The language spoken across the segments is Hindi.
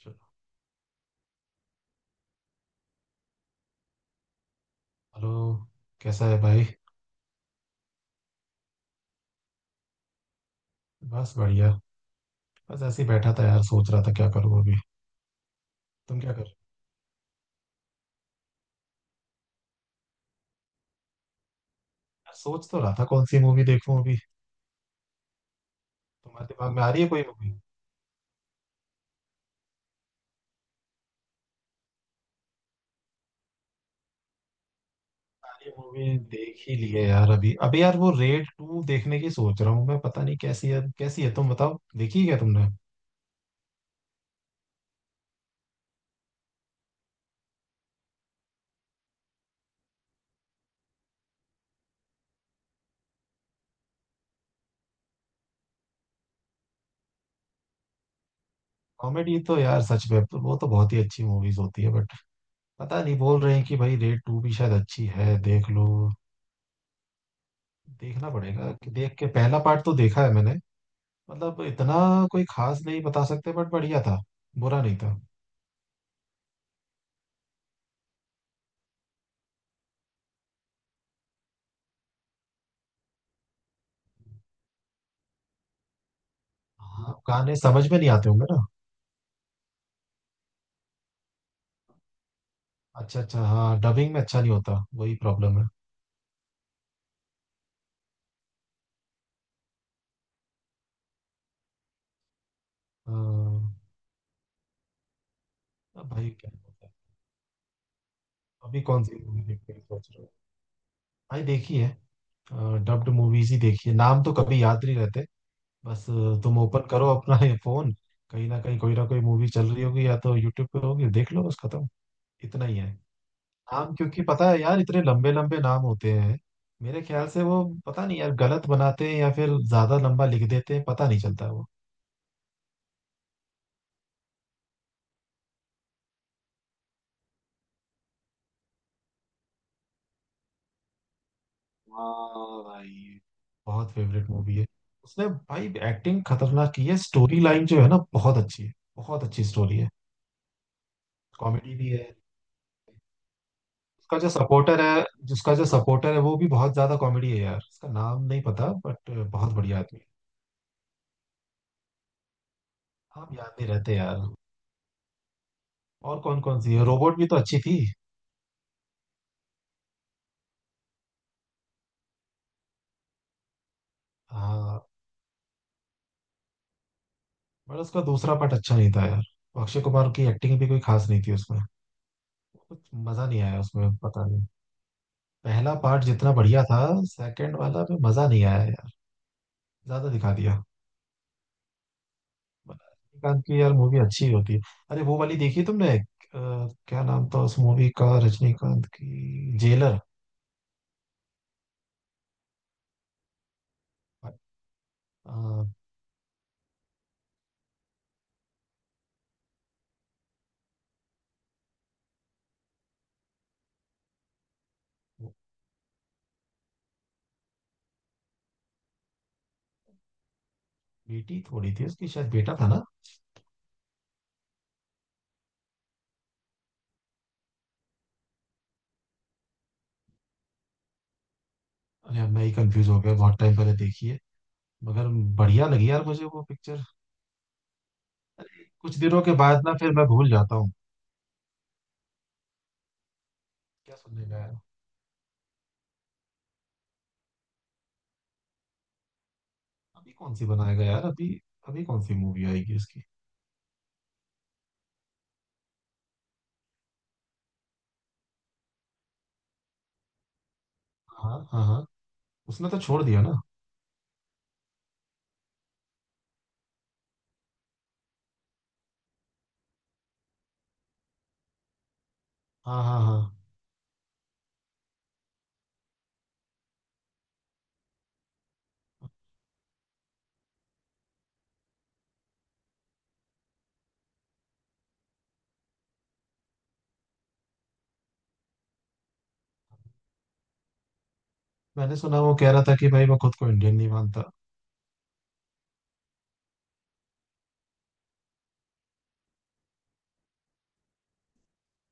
चलो। हेलो। कैसा है भाई? बस बढ़िया। बस ऐसे ही बैठा था यार, सोच रहा था क्या करूँ अभी। तुम क्या कर? यार सोच तो रहा था कौन सी मूवी देखूं अभी। तुम्हारे दिमाग में आ रही है कोई मूवी? ये मूवी देख ही ली है यार। अभी अभी यार वो रेड टू देखने की सोच रहा हूँ मैं। पता नहीं कैसी है, कैसी है तुम बताओ, देखी है क्या तुमने? कॉमेडी तो यार सच में तो वो तो बहुत ही अच्छी मूवीज होती है बट पता नहीं, बोल रहे हैं कि भाई रेड टू भी शायद अच्छी है, देख लो। देखना पड़ेगा कि देख के। पहला पार्ट तो देखा है मैंने, मतलब इतना कोई खास नहीं बता सकते बट बढ़िया था, बुरा नहीं था। हाँ, गाने समझ में नहीं आते होंगे ना। अच्छा अच्छा, हाँ डबिंग में अच्छा नहीं होता, वही प्रॉब्लम है। हाँ। अब भाई क्या होता है। अभी कौन सी मूवी देखने की सोच रहे हो? भाई देखी है, डब्ड मूवीज ही देखी है, नाम तो कभी याद नहीं रहते। बस तुम ओपन करो अपना ये फोन। कहीं ना कहीं कोई ना कोई मूवी चल रही होगी, या तो यूट्यूब पे होगी, देख लो बस खत्म। इतना ही है। नाम क्योंकि पता है यार, इतने लंबे लंबे नाम होते हैं। मेरे ख्याल से वो पता नहीं यार, गलत बनाते हैं या फिर ज्यादा लंबा लिख देते हैं, पता नहीं चलता है वो। हाँ भाई, बहुत फेवरेट मूवी है। उसने भाई एक्टिंग खतरनाक की है, स्टोरी लाइन जो है ना, बहुत अच्छी है। बहुत अच्छी स्टोरी है। कॉमेडी भी है। उसका जो सपोर्टर है जिसका जो सपोर्टर है, वो भी बहुत ज्यादा कॉमेडी है यार, उसका नाम नहीं पता बट बहुत बढ़िया आदमी है। आप याद नहीं रहते यार। और कौन कौन सी है, रोबोट भी तो अच्छी थी। हाँ। बट उसका दूसरा पार्ट अच्छा नहीं था यार। अक्षय कुमार की एक्टिंग भी कोई खास नहीं थी उसमें, कुछ मजा नहीं आया उसमें, पता नहीं। पहला पार्ट जितना बढ़िया था, सेकंड वाला में मजा नहीं आया यार, ज्यादा दिखा दिया। रजनीकांत की यार मूवी अच्छी होती है। अरे वो वाली देखी तुमने क्या नाम था उस मूवी का, रजनीकांत की जेलर। अ, वो बेटी थोड़ी थी उसकी, शायद बेटा था ना। अरे अब मैं ही कंफ्यूज हो गया, बहुत टाइम पहले देखी है मगर। बढ़िया लगी यार मुझे वो पिक्चर। कुछ दिनों के बाद ना फिर मैं भूल जाता हूँ। क्या सुनने गया? अभी कौन सी बनाएगा यार अभी? अभी कौन सी मूवी आएगी उसकी? हाँ हाँ हाँ। उसने तो छोड़ दिया ना। हाँ हाँ हाँ। मैंने सुना वो कह रहा था कि भाई मैं खुद को इंडियन नहीं मानता।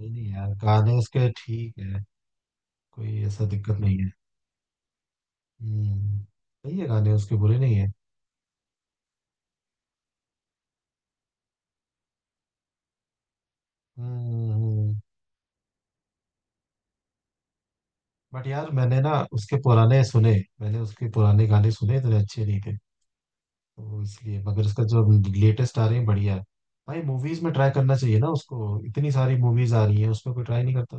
नहीं नहीं यार, गाने उसके ठीक है, कोई ऐसा दिक्कत नहीं है। हम्म। सही है, गाने उसके बुरे नहीं है। हम्म। बट यार मैंने उसके पुराने गाने सुने, इतने अच्छे नहीं थे। तो इसलिए मगर, उसका जो लेटेस्ट आ रहे हैं बढ़िया है। भाई मूवीज में ट्राई करना चाहिए ना उसको, इतनी सारी मूवीज आ रही है, उसमें कोई ट्राई नहीं करता।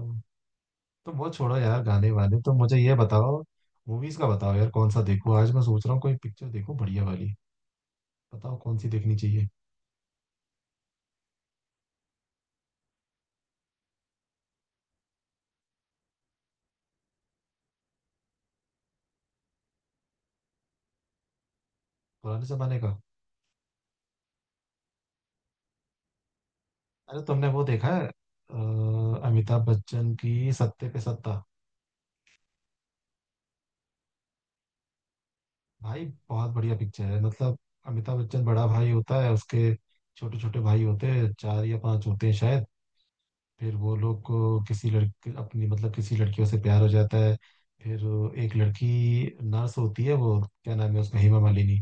तो वो छोड़ो यार, गाने वाने तो, मुझे ये बताओ, मूवीज का बताओ यार कौन सा देखूं। आज मैं सोच रहा हूँ कोई पिक्चर देखूं बढ़िया वाली, बताओ कौन सी देखनी चाहिए। पुराने जमाने का। अरे तुमने वो देखा है अमिताभ बच्चन की सत्ते पे सत्ता? भाई बहुत बढ़िया पिक्चर है। मतलब अमिताभ बच्चन बड़ा भाई होता है, उसके छोटे छोटे भाई होते हैं, चार या पांच होते हैं शायद। फिर वो लोग को किसी लड़की, अपनी मतलब, किसी लड़कियों से प्यार हो जाता है। फिर एक लड़की, नर्स होती है वो, क्या नाम है उसका, हेमा मालिनी।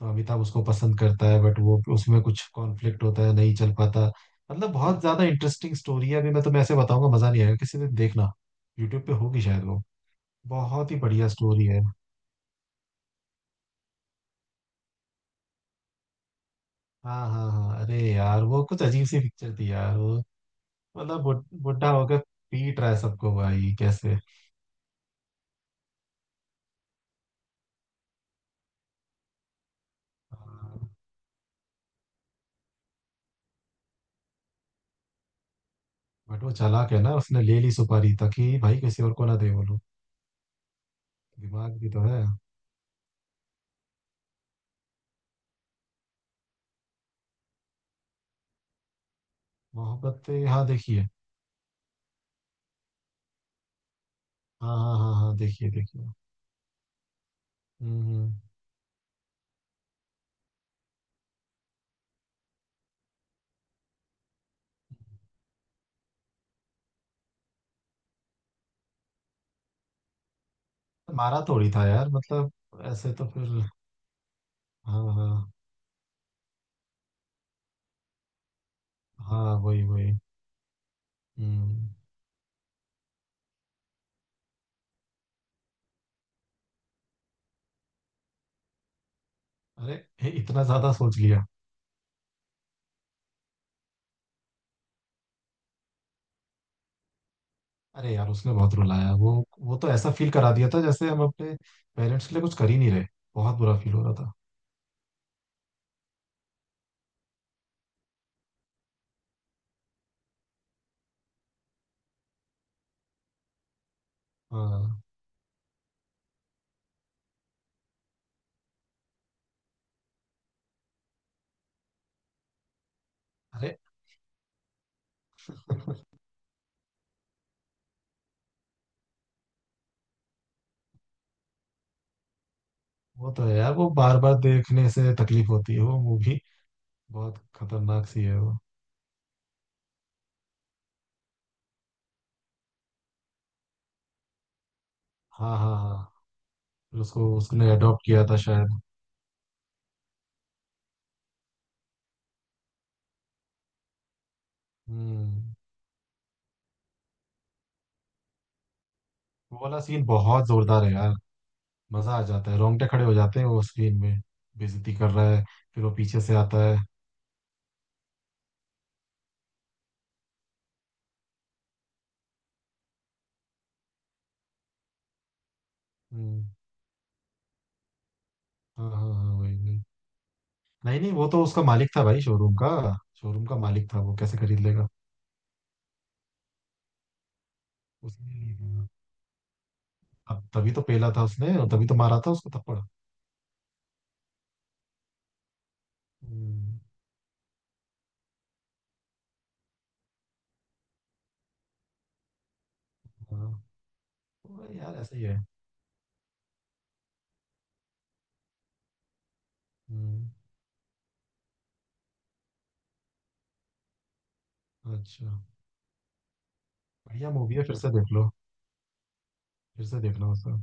तो अमिताभ उसको पसंद करता है बट वो उसमें कुछ कॉन्फ्लिक्ट होता है, नहीं चल पाता। मतलब बहुत ज्यादा इंटरेस्टिंग स्टोरी है, अभी मैं तुम्हें ऐसे बताऊंगा मजा नहीं आएगा, किसी दिन देखना। यूट्यूब पे होगी शायद वो। बहुत ही बढ़िया स्टोरी है। हाँ हाँ हाँ, अरे यार वो कुछ अजीब सी पिक्चर थी यार वो। मतलब बुढ़ा होकर पीट रहा है सबको भाई, कैसे? बट वो चालाक है ना, उसने ले ली सुपारी ताकि भाई किसी और को ना दे, बोलो। दिमाग भी तो है। मोहब्बत। हाँ देखिए। हाँ हाँ हाँ हाँ, देखिए देखिए। हम्म हम्म। मारा थोड़ी था यार, मतलब। ऐसे तो फिर। हाँ हाँ हाँ वही वही। हम्म। अरे, हे, इतना ज्यादा सोच लिया। अरे यार उसने बहुत रुलाया वो। वो तो ऐसा फील करा दिया था जैसे हम अपने पेरेंट्स के लिए कुछ कर ही नहीं रहे। बहुत बुरा फील हो रहा था। हाँ, अरे वो तो है यार, वो बार बार देखने से तकलीफ होती है वो मूवी। बहुत खतरनाक सी है वो। हाँ हाँ हाँ। फिर उसको उसने अडॉप्ट किया था शायद। हम्म। वो वाला सीन बहुत जोरदार है यार, मजा आ जाता है, रोंगटे खड़े हो जाते हैं। वो स्क्रीन में बेइज्जती कर रहा है, फिर वो पीछे से आता है। हम्म। हाँ हाँ हाँ वही वही। नहीं नहीं, वो तो उसका मालिक था भाई, शोरूम का। शोरूम का मालिक था, वो कैसे खरीद लेगा? उसने नहीं खरीदा। अब तभी तो पेला था उसने, और तभी तो मारा था उसको थप्पड़। हम्म, हाँ। वो यार ऐसा ही है। हम्म, अच्छा। बढ़िया मूवी है, फिर से देख लो, फिर से देखना उसे।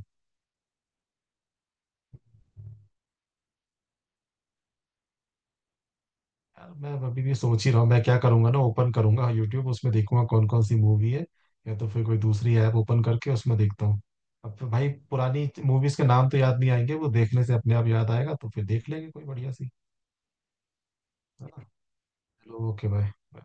यार मैं अभी भी सोच ही रहा हूँ मैं क्या करूंगा, ना ओपन करूंगा यूट्यूब, उसमें देखूंगा कौन कौन सी मूवी है, या तो फिर कोई दूसरी ऐप ओपन करके उसमें देखता हूँ। अब फिर भाई पुरानी मूवीज के नाम तो याद नहीं आएंगे, वो देखने से अपने आप याद आएगा, तो फिर देख लेंगे कोई बढ़िया सी, है ना? चलो ओके भाई।